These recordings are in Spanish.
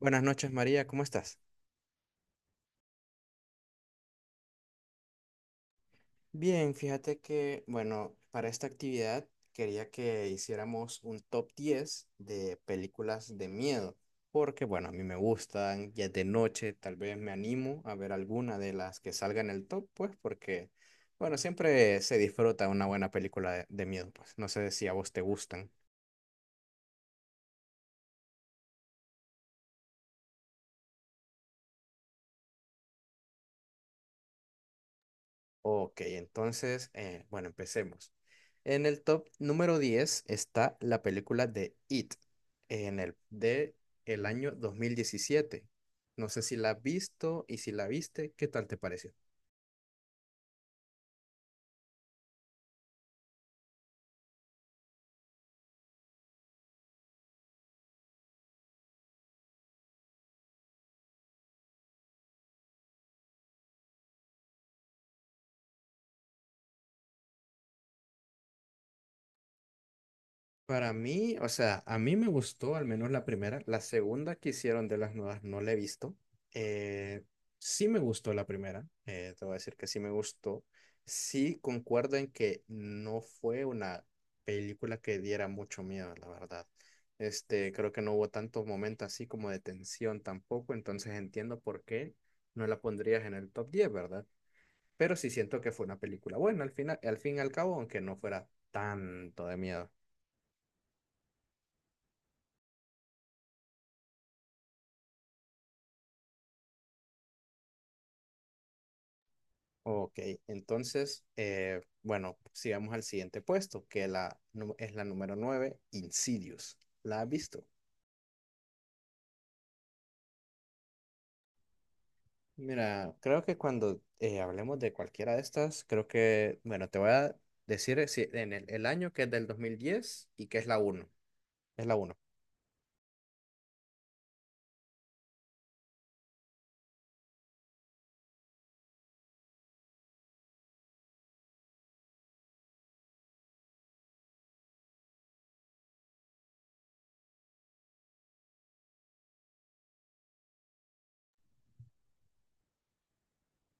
Buenas noches, María, ¿cómo estás? Bien, fíjate que, bueno, para esta actividad quería que hiciéramos un top 10 de películas de miedo, porque, bueno, a mí me gustan, ya es de noche, tal vez me animo a ver alguna de las que salga en el top, pues, porque, bueno, siempre se disfruta una buena película de miedo, pues, no sé si a vos te gustan. Ok, entonces, bueno, empecemos. En el top número 10 está la película de It, en el, de El año 2017. No sé si la has visto y si la viste, ¿qué tal te pareció? Para mí, o sea, a mí me gustó al menos la primera. La segunda que hicieron de las nuevas no la he visto. Eh, sí me gustó la primera. Te voy a decir que sí me gustó. Sí concuerdo en que no fue una película que diera mucho miedo, la verdad. Este, creo que no hubo tantos momentos así como de tensión tampoco. Entonces entiendo por qué no la pondrías en el top 10, ¿verdad? Pero sí siento que fue una película buena al final, al fin y al cabo, aunque no fuera tanto de miedo. Ok, entonces, bueno, sigamos al siguiente puesto, es la número 9, Insidious. ¿La has visto? Mira, creo que cuando hablemos de cualquiera de estas, creo que, bueno, te voy a decir en el año que es del 2010 y que es la uno. Es la uno.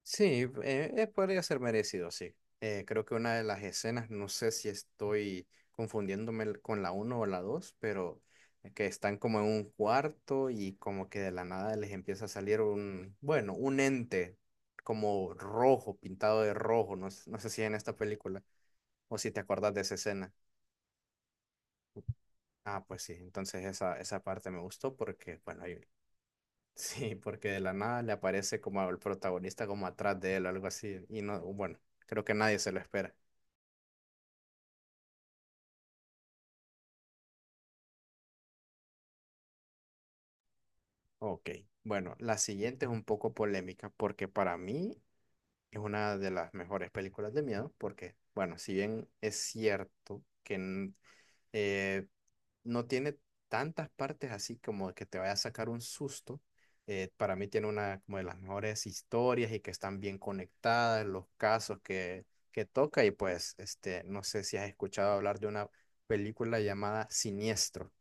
Sí, podría ser merecido, sí. Creo que una de las escenas, no sé si estoy confundiéndome con la uno o la 2, pero que están como en un cuarto y como que de la nada les empieza a salir un, bueno, un ente como rojo, pintado de rojo, no, no sé si en esta película o si te acuerdas de esa escena. Ah, pues sí, entonces esa parte me gustó porque, bueno, hay, sí, porque de la nada le aparece como el protagonista como atrás de él, algo así. Y no, bueno, creo que nadie se lo espera. Ok, bueno, la siguiente es un poco polémica porque para mí es una de las mejores películas de miedo porque, bueno, si bien es cierto que eh, no tiene tantas partes así como que te vaya a sacar un susto. Para mí tiene una como de las mejores historias y que están bien conectadas, los casos que toca y pues este, no sé si has escuchado hablar de una película llamada Siniestro.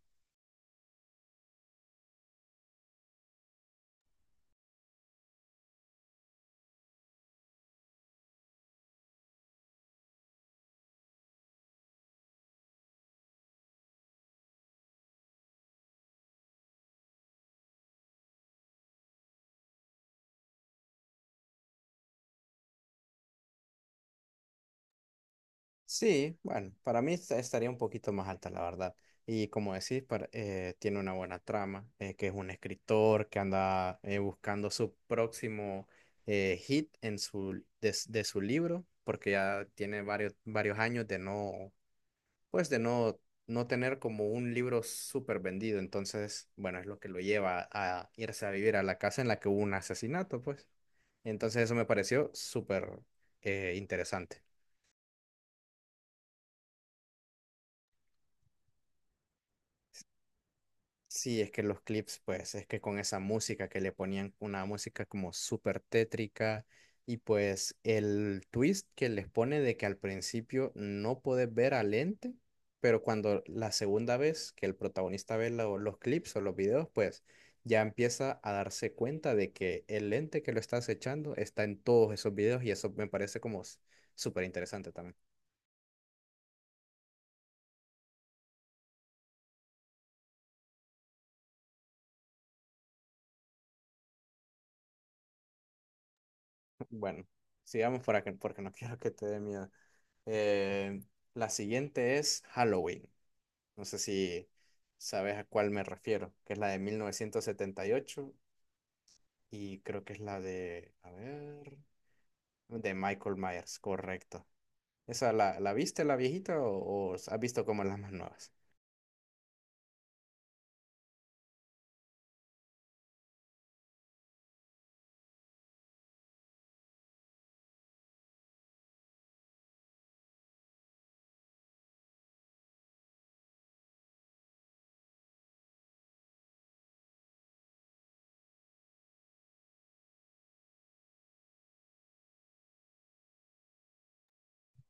Sí, bueno, para mí estaría un poquito más alta, la verdad. Y como decís, tiene una buena trama, que es un escritor que anda buscando su próximo hit en su, de, de su libro, porque ya tiene varios, varios años de no, pues de no, no tener como un libro súper vendido. Entonces, bueno, es lo que lo lleva a irse a vivir a la casa en la que hubo un asesinato, pues. Entonces eso me pareció súper interesante. Sí, es que los clips, pues, es que con esa música que le ponían, una música como súper tétrica, y pues el twist que les pone de que al principio no podés ver al ente, pero cuando la segunda vez que el protagonista ve los clips o los videos, pues ya empieza a darse cuenta de que el ente que lo está acechando está en todos esos videos, y eso me parece como súper interesante también. Bueno, sigamos para que, porque no quiero que te dé miedo. Eh, la siguiente es Halloween. No sé si sabes a cuál me refiero, que es la de 1978 y creo que es la de, a ver, de Michael Myers, correcto. ¿Esa la, la viste, la viejita, o has visto como las más nuevas?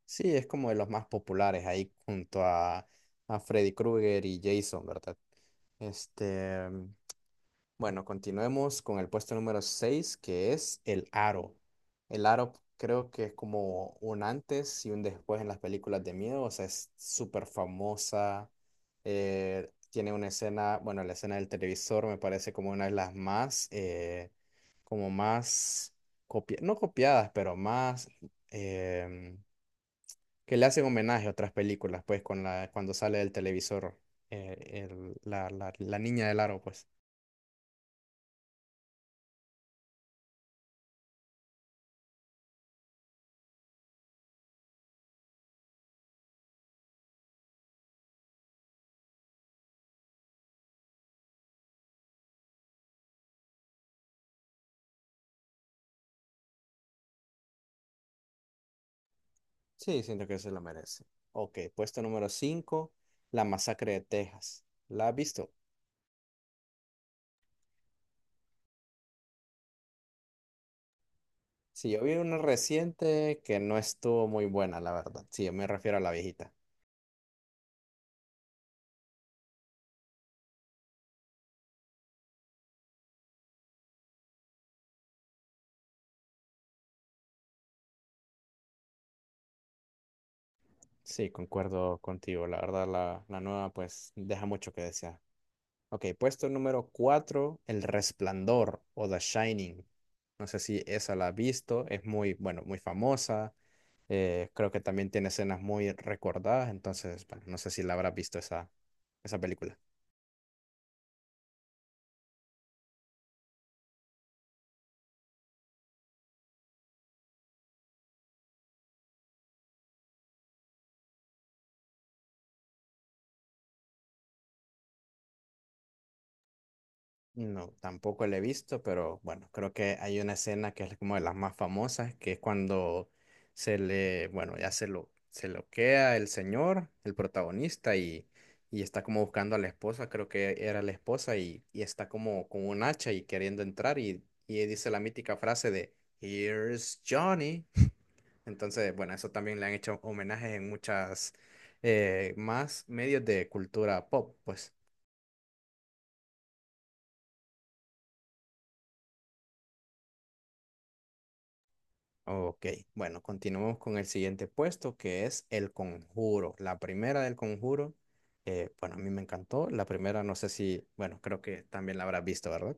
Sí, es como de los más populares ahí junto a Freddy Krueger y Jason, ¿verdad? Este, bueno, continuemos con el puesto número 6 que es El Aro. El Aro creo que es como un antes y un después en las películas de miedo, o sea, es súper famosa. Eh, tiene una escena, bueno, la escena del televisor me parece como una de las más, como más, copi no copiadas, pero más, em, que le hacen homenaje a otras películas, pues, con la, cuando sale del televisor, la niña del aro, pues. Sí, siento que se la merece. Ok, puesto número 5, La Masacre de Texas. ¿La has visto? Sí, yo vi una reciente que no estuvo muy buena, la verdad. Sí, yo me refiero a la viejita. Sí, concuerdo contigo. La verdad, la nueva pues deja mucho que desear. Ok, puesto número 4, El Resplandor o The Shining. No sé si esa la has visto. Es muy, bueno, muy famosa. Creo que también tiene escenas muy recordadas. Entonces, bueno, no sé si la habrás visto esa película. No, tampoco la he visto, pero bueno, creo que hay una escena que es como de las más famosas, que es cuando se le, bueno, ya se lo, se loquea el señor, el protagonista, y está como buscando a la esposa, creo que era la esposa, y está como con un hacha y queriendo entrar, y dice la mítica frase de Here's Johnny. Entonces, bueno, eso también le han hecho homenajes en muchas más medios de cultura pop, pues. Ok, bueno, continuamos con el siguiente puesto que es El Conjuro. La primera del Conjuro, bueno, a mí me encantó. La primera, no sé si, bueno, creo que también la habrás visto, ¿verdad?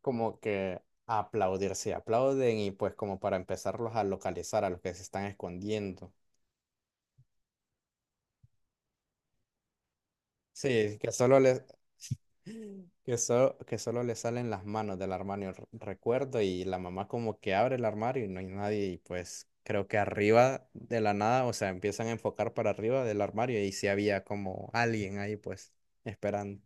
Como que aplaudirse, aplauden y pues como para empezarlos a localizar a los que se están escondiendo. Sí, que solo le, que que solo le salen las manos del armario, recuerdo, y la mamá como que abre el armario y no hay nadie, y pues creo que arriba de la nada, o sea, empiezan a enfocar para arriba del armario y si había como alguien ahí pues esperando.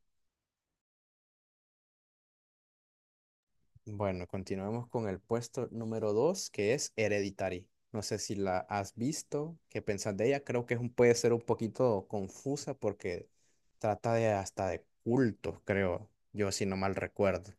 Bueno, continuamos con el puesto número 2 que es Hereditary. No sé si la has visto, qué pensás de ella. Creo que es puede ser un poquito confusa porque trata de hasta de cultos, creo, yo si no mal recuerdo.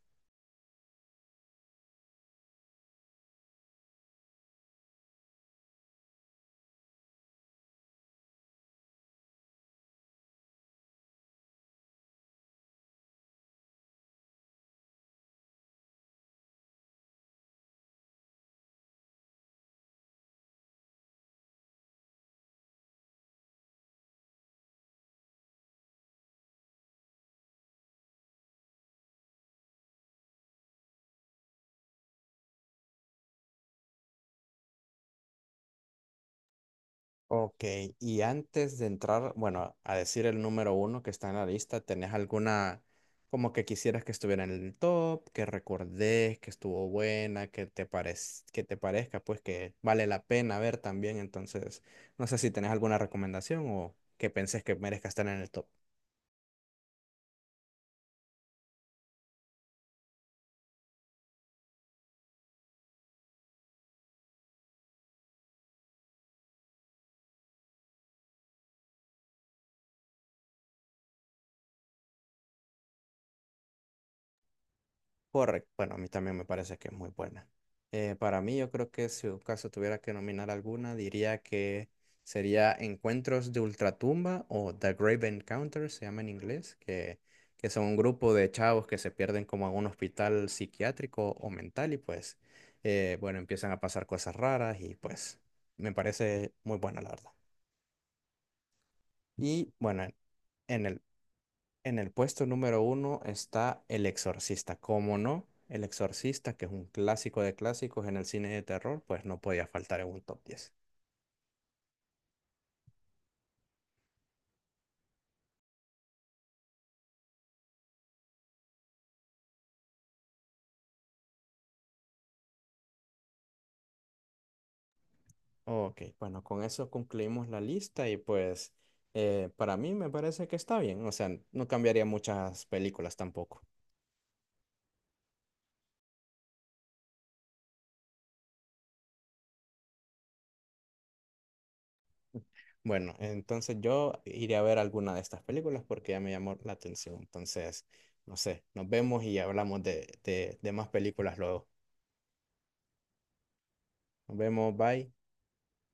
Ok, y antes de entrar, bueno, a decir el número uno que está en la lista, ¿tenés alguna como que quisieras que estuviera en el top, que recordés, que estuvo buena, que que te parezca, pues que vale la pena ver también? Entonces, no sé si tenés alguna recomendación o que pensés que merezca estar en el top. Correcto. Bueno, a mí también me parece que es muy buena. Para mí, yo creo que si en caso tuviera que nominar alguna, diría que sería Encuentros de Ultratumba o The Grave Encounters, se llama en inglés, que son un grupo de chavos que se pierden como en un hospital psiquiátrico o mental y pues, bueno, empiezan a pasar cosas raras y pues me parece muy buena, la verdad. Y bueno, en el puesto número uno está El Exorcista. ¿Cómo no? El Exorcista, que es un clásico de clásicos en el cine de terror, pues no podía faltar en un top diez. Ok, bueno, con eso concluimos la lista y pues para mí me parece que está bien. O sea, no cambiaría muchas películas tampoco. Bueno, entonces yo iré a ver alguna de estas películas porque ya me llamó la atención. Entonces, no sé, nos vemos y hablamos de más películas luego. Nos vemos, bye.